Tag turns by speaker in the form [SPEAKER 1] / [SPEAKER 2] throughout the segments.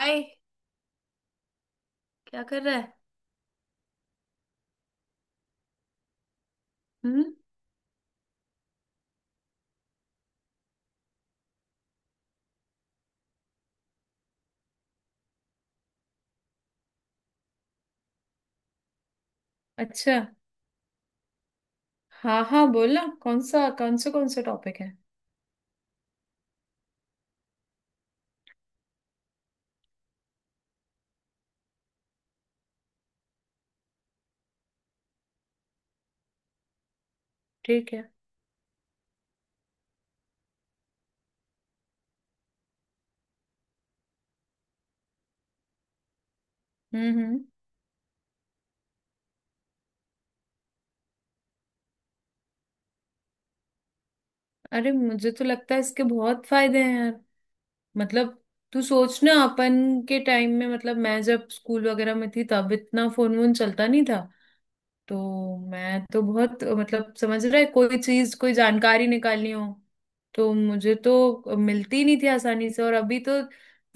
[SPEAKER 1] हाय। क्या कर रहा है? हम्म। अच्छा। हाँ हाँ, बोलना कौन से टॉपिक है। ठीक है। हम्म। हम्म। अरे, मुझे तो लगता है इसके बहुत फायदे हैं यार। मतलब तू सोच ना, अपन के टाइम में, मतलब मैं जब स्कूल वगैरह में थी तब इतना फोन वोन चलता नहीं था। तो मैं तो बहुत, मतलब समझ रहे, कोई चीज कोई जानकारी निकालनी हो तो मुझे तो मिलती नहीं थी आसानी से। और अभी तो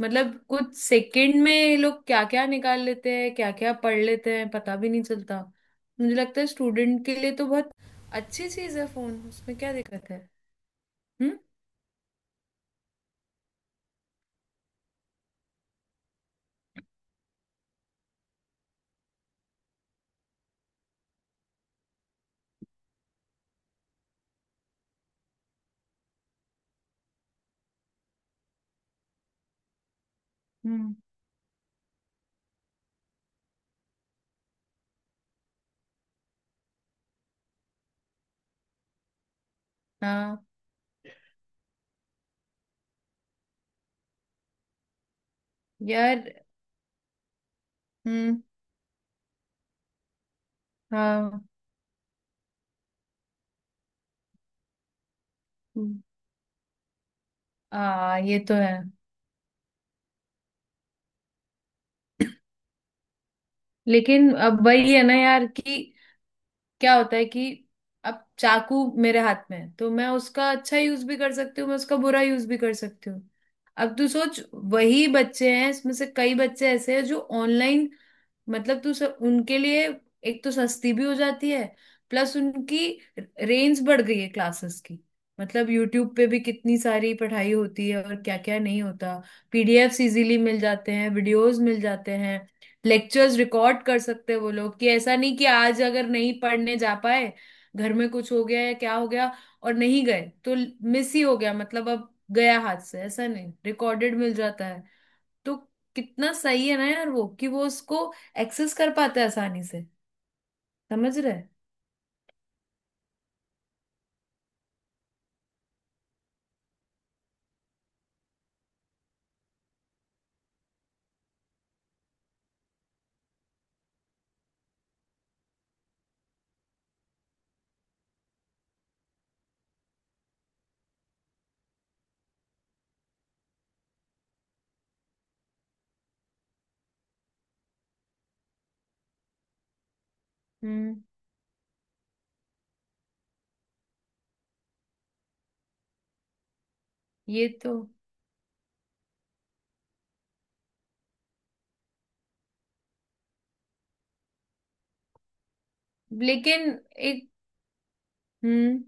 [SPEAKER 1] मतलब कुछ सेकंड में ये लोग क्या क्या निकाल लेते हैं, क्या क्या पढ़ लेते हैं, पता भी नहीं चलता। मुझे लगता है स्टूडेंट के लिए तो बहुत अच्छी चीज है फोन। उसमें क्या दिक्कत है? हम्म। हम्म। हाँ यार। हम्म। हाँ। हम्म, हाँ, ये तो है। लेकिन अब वही है ना यार, कि क्या होता है कि अब चाकू मेरे हाथ में है तो मैं उसका अच्छा यूज भी कर सकती हूँ, मैं उसका बुरा यूज भी कर सकती हूँ। अब तू सोच, वही बच्चे हैं, इसमें से कई बच्चे ऐसे हैं जो ऑनलाइन, मतलब उनके लिए एक तो सस्ती भी हो जाती है, प्लस उनकी रेंज बढ़ गई है क्लासेस की। मतलब यूट्यूब पे भी कितनी सारी पढ़ाई होती है, और क्या क्या नहीं होता। पीडीएफ्स इजीली मिल जाते हैं, वीडियोस मिल जाते हैं, लेक्चर्स रिकॉर्ड कर सकते हैं वो लोग। कि ऐसा नहीं कि आज अगर नहीं पढ़ने जा पाए, घर में कुछ हो गया या क्या हो गया और नहीं गए तो मिस ही हो गया। मतलब अब गया हाथ से, ऐसा नहीं, रिकॉर्डेड मिल जाता। तो कितना सही है ना यार वो, कि वो उसको एक्सेस कर पाता है आसानी से। समझ रहे। हम्म। ये तो। लेकिन एक। हम्म।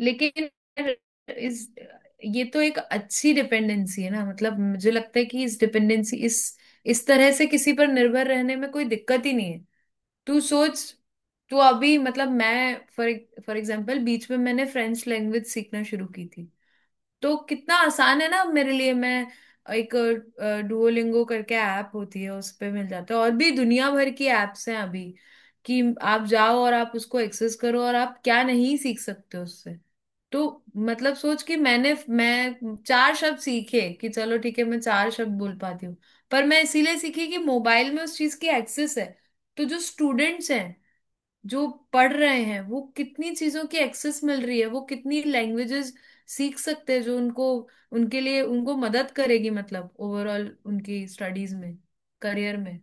[SPEAKER 1] लेकिन इस। ये तो एक अच्छी डिपेंडेंसी है ना। मतलब मुझे लगता है कि इस डिपेंडेंसी, इस तरह से किसी पर निर्भर रहने में कोई दिक्कत ही नहीं है। तू सोच, तू अभी, मतलब मैं, फॉर फॉर एग्जांपल बीच में मैंने फ्रेंच लैंग्वेज सीखना शुरू की थी। तो कितना आसान है ना मेरे लिए, मैं एक डुओलिंगो करके ऐप होती है उस पे मिल जाता है, और भी दुनिया भर की एप्स हैं अभी, कि आप जाओ और आप उसको एक्सेस करो और आप क्या नहीं सीख सकते उससे। तो मतलब सोच कि मैं चार शब्द सीखे, कि चलो ठीक है मैं चार शब्द बोल पाती हूँ। पर मैं इसीलिए सीखी कि मोबाइल में उस चीज की एक्सेस है। तो जो स्टूडेंट्स हैं, जो पढ़ रहे हैं वो, कितनी चीजों की एक्सेस मिल रही है, वो कितनी लैंग्वेजेस सीख सकते हैं जो उनको, उनके लिए उनको मदद करेगी, मतलब ओवरऑल उनकी स्टडीज में, करियर में।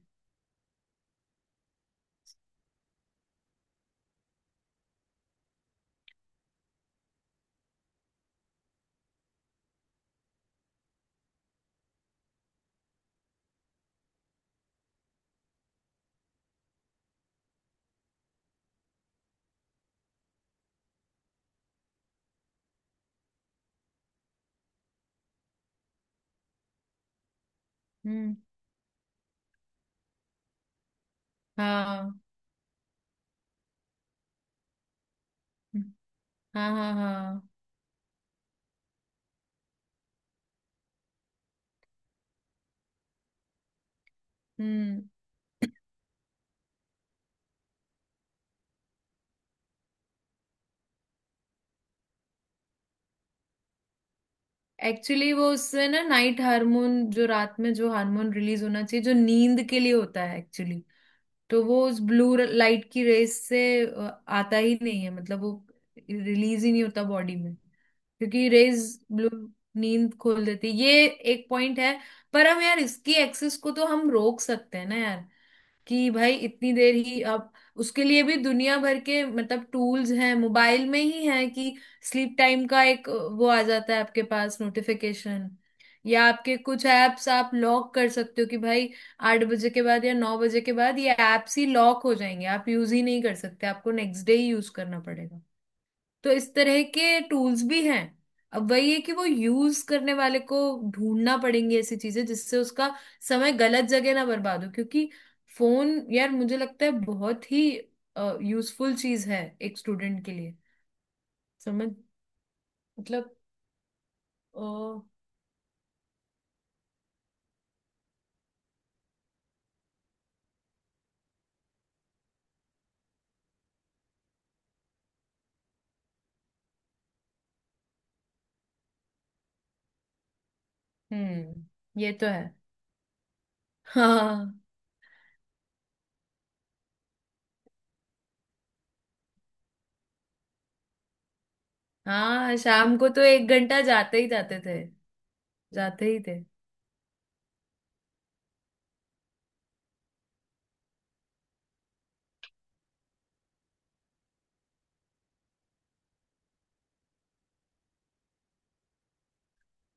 [SPEAKER 1] हम्म। हाँ हाँ हाँ। हाँ। हम्म। एक्चुअली वो उससे ना, नाइट हार्मोन, जो रात में जो हार्मोन रिलीज होना चाहिए जो नींद के लिए होता है एक्चुअली, तो वो उस ब्लू लाइट की रेस से आता ही नहीं है, मतलब वो रिलीज ही नहीं होता बॉडी में। क्योंकि रेज, ब्लू, नींद खोल देती है। ये एक पॉइंट है। पर हम यार, इसकी एक्सेस को तो हम रोक सकते हैं ना यार। कि भाई इतनी देर ही आप, उसके लिए भी दुनिया भर के मतलब टूल्स हैं मोबाइल में ही है। कि स्लीप टाइम का एक, वो आ जाता है आपके पास नोटिफिकेशन, या आपके कुछ ऐप्स आप लॉक कर सकते हो कि भाई 8 बजे के बाद या 9 बजे के बाद ये ऐप्स ही लॉक हो जाएंगे, आप यूज ही नहीं कर सकते, आपको नेक्स्ट डे ही यूज करना पड़ेगा। तो इस तरह के टूल्स भी हैं। अब वही है कि वो यूज करने वाले को ढूंढना पड़ेंगे ऐसी चीजें जिससे उसका समय गलत जगह ना बर्बाद हो। क्योंकि फोन यार मुझे लगता है बहुत ही यूजफुल चीज है एक स्टूडेंट के लिए। समझ। मतलब अ, हम्म। ये तो है। हाँ। हाँ, शाम को तो एक घंटा जाते ही जाते थे, जाते ही थे।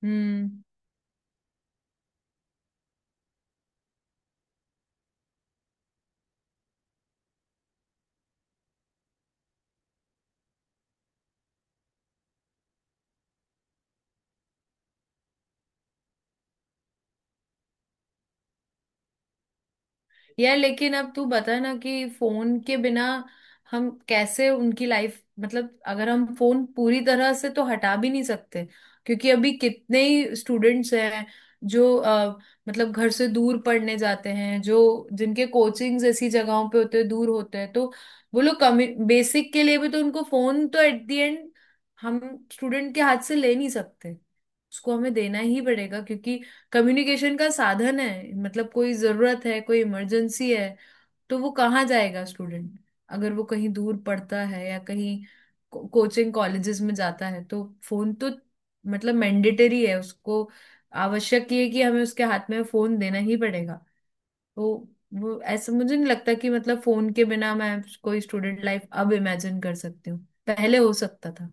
[SPEAKER 1] हम्म। यार लेकिन अब तू बता ना कि फोन के बिना हम कैसे उनकी लाइफ, मतलब अगर हम फोन पूरी तरह से तो हटा भी नहीं सकते, क्योंकि अभी कितने ही स्टूडेंट्स हैं जो मतलब घर से दूर पढ़ने जाते हैं, जो जिनके कोचिंग्स ऐसी जगहों पे होते हैं दूर होते हैं, तो वो लोग कमी बेसिक के लिए भी, तो उनको फोन तो एट द एंड, हम स्टूडेंट के हाथ से ले नहीं सकते, उसको हमें देना ही पड़ेगा। क्योंकि कम्युनिकेशन का साधन है, मतलब कोई जरूरत है, कोई इमरजेंसी है, तो वो कहाँ जाएगा स्टूडेंट? अगर वो कहीं दूर पढ़ता है या कहीं कोचिंग कॉलेजेस में जाता है, तो फोन तो मतलब मैंडेटरी है उसको। आवश्यक ये है कि हमें उसके हाथ में फोन देना ही पड़ेगा। तो वो, ऐसा मुझे नहीं लगता कि मतलब फोन के बिना मैं कोई स्टूडेंट लाइफ अब इमेजिन कर सकती हूँ। पहले हो सकता था।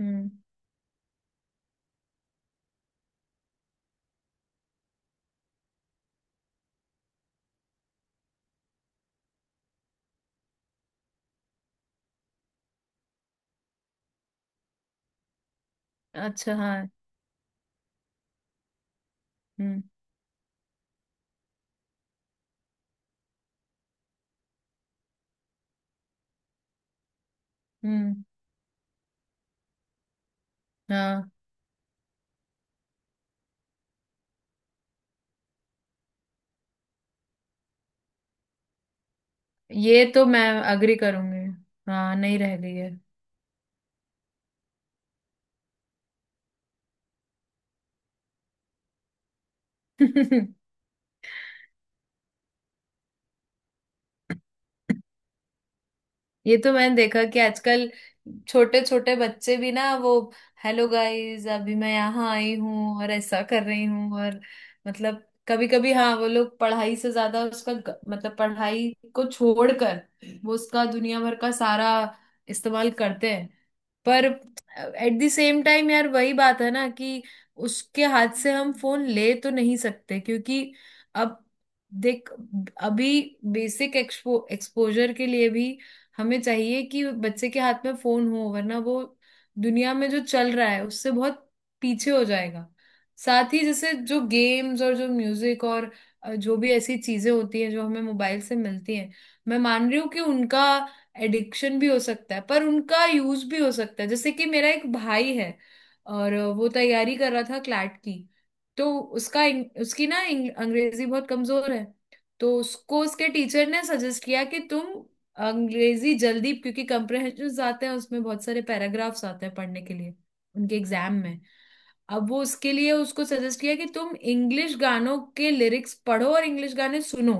[SPEAKER 1] हम्म। अच्छा। हाँ। हम्म। हम्म। हाँ ये तो, मैं अग्री करूंगी। हाँ, नहीं रह गई है। ये तो मैंने देखा कि आजकल छोटे छोटे बच्चे भी ना, वो, हेलो गाइस अभी मैं यहाँ आई हूँ और ऐसा कर रही हूँ। और मतलब कभी कभी हाँ वो लोग पढ़ाई से ज्यादा उसका मतलब पढ़ाई को छोड़कर वो उसका दुनिया भर का सारा इस्तेमाल करते हैं। पर एट द सेम टाइम यार, वही बात है ना, कि उसके हाथ से हम फोन ले तो नहीं सकते। क्योंकि अब देख, अभी बेसिक एक्सपोजर के लिए भी हमें चाहिए कि बच्चे के हाथ में फोन हो, वरना वो दुनिया में जो चल रहा है उससे बहुत पीछे हो जाएगा। साथ ही जैसे जो गेम्स और जो म्यूजिक और जो भी ऐसी चीजें होती हैं जो हमें मोबाइल से मिलती हैं। मैं मान रही हूँ कि उनका एडिक्शन भी हो सकता है पर उनका यूज भी हो सकता है। जैसे कि मेरा एक भाई है, और वो तैयारी कर रहा था क्लैट की। तो उसका उसकी ना अंग्रेजी बहुत कमजोर है। तो उसको उसके टीचर ने सजेस्ट किया कि तुम अंग्रेजी जल्दी, क्योंकि कंप्रहेंशन आते हैं, उसमें बहुत सारे पैराग्राफ्स आते हैं पढ़ने के लिए उनके एग्जाम में। अब वो उसके लिए उसको सजेस्ट किया कि तुम इंग्लिश गानों के लिरिक्स पढ़ो और इंग्लिश गाने सुनो,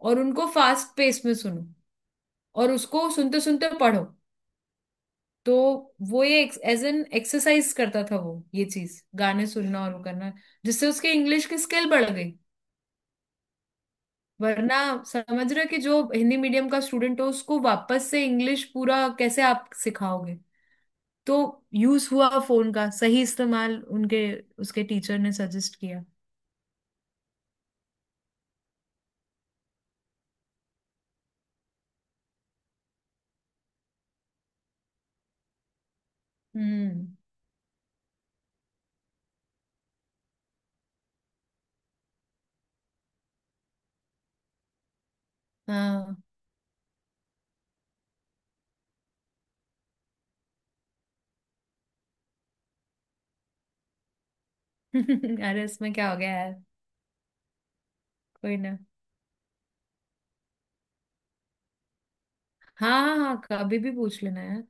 [SPEAKER 1] और उनको फास्ट पेस में सुनो, और उसको सुनते सुनते पढ़ो। तो वो ये एज एन एक्सरसाइज करता था, वो ये चीज, गाने सुनना और वो करना, जिससे उसके इंग्लिश की स्किल बढ़ गई। वरना समझ रहे हो कि जो हिंदी मीडियम का स्टूडेंट हो उसको वापस से इंग्लिश पूरा कैसे आप सिखाओगे। तो यूज हुआ फोन का सही इस्तेमाल, उनके उसके टीचर ने सजेस्ट किया। हम्म। हाँ। अरे, इसमें क्या हो गया यार। कोई ना। हाँ हाँ हाँ, कभी भी पूछ लेना यार।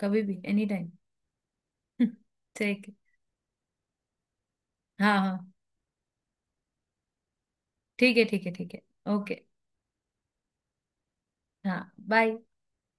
[SPEAKER 1] कभी भी, एनी टाइम। ठीक है। हाँ हाँ। ठीक है ठीक है ठीक है। ओके। हाँ, बाय।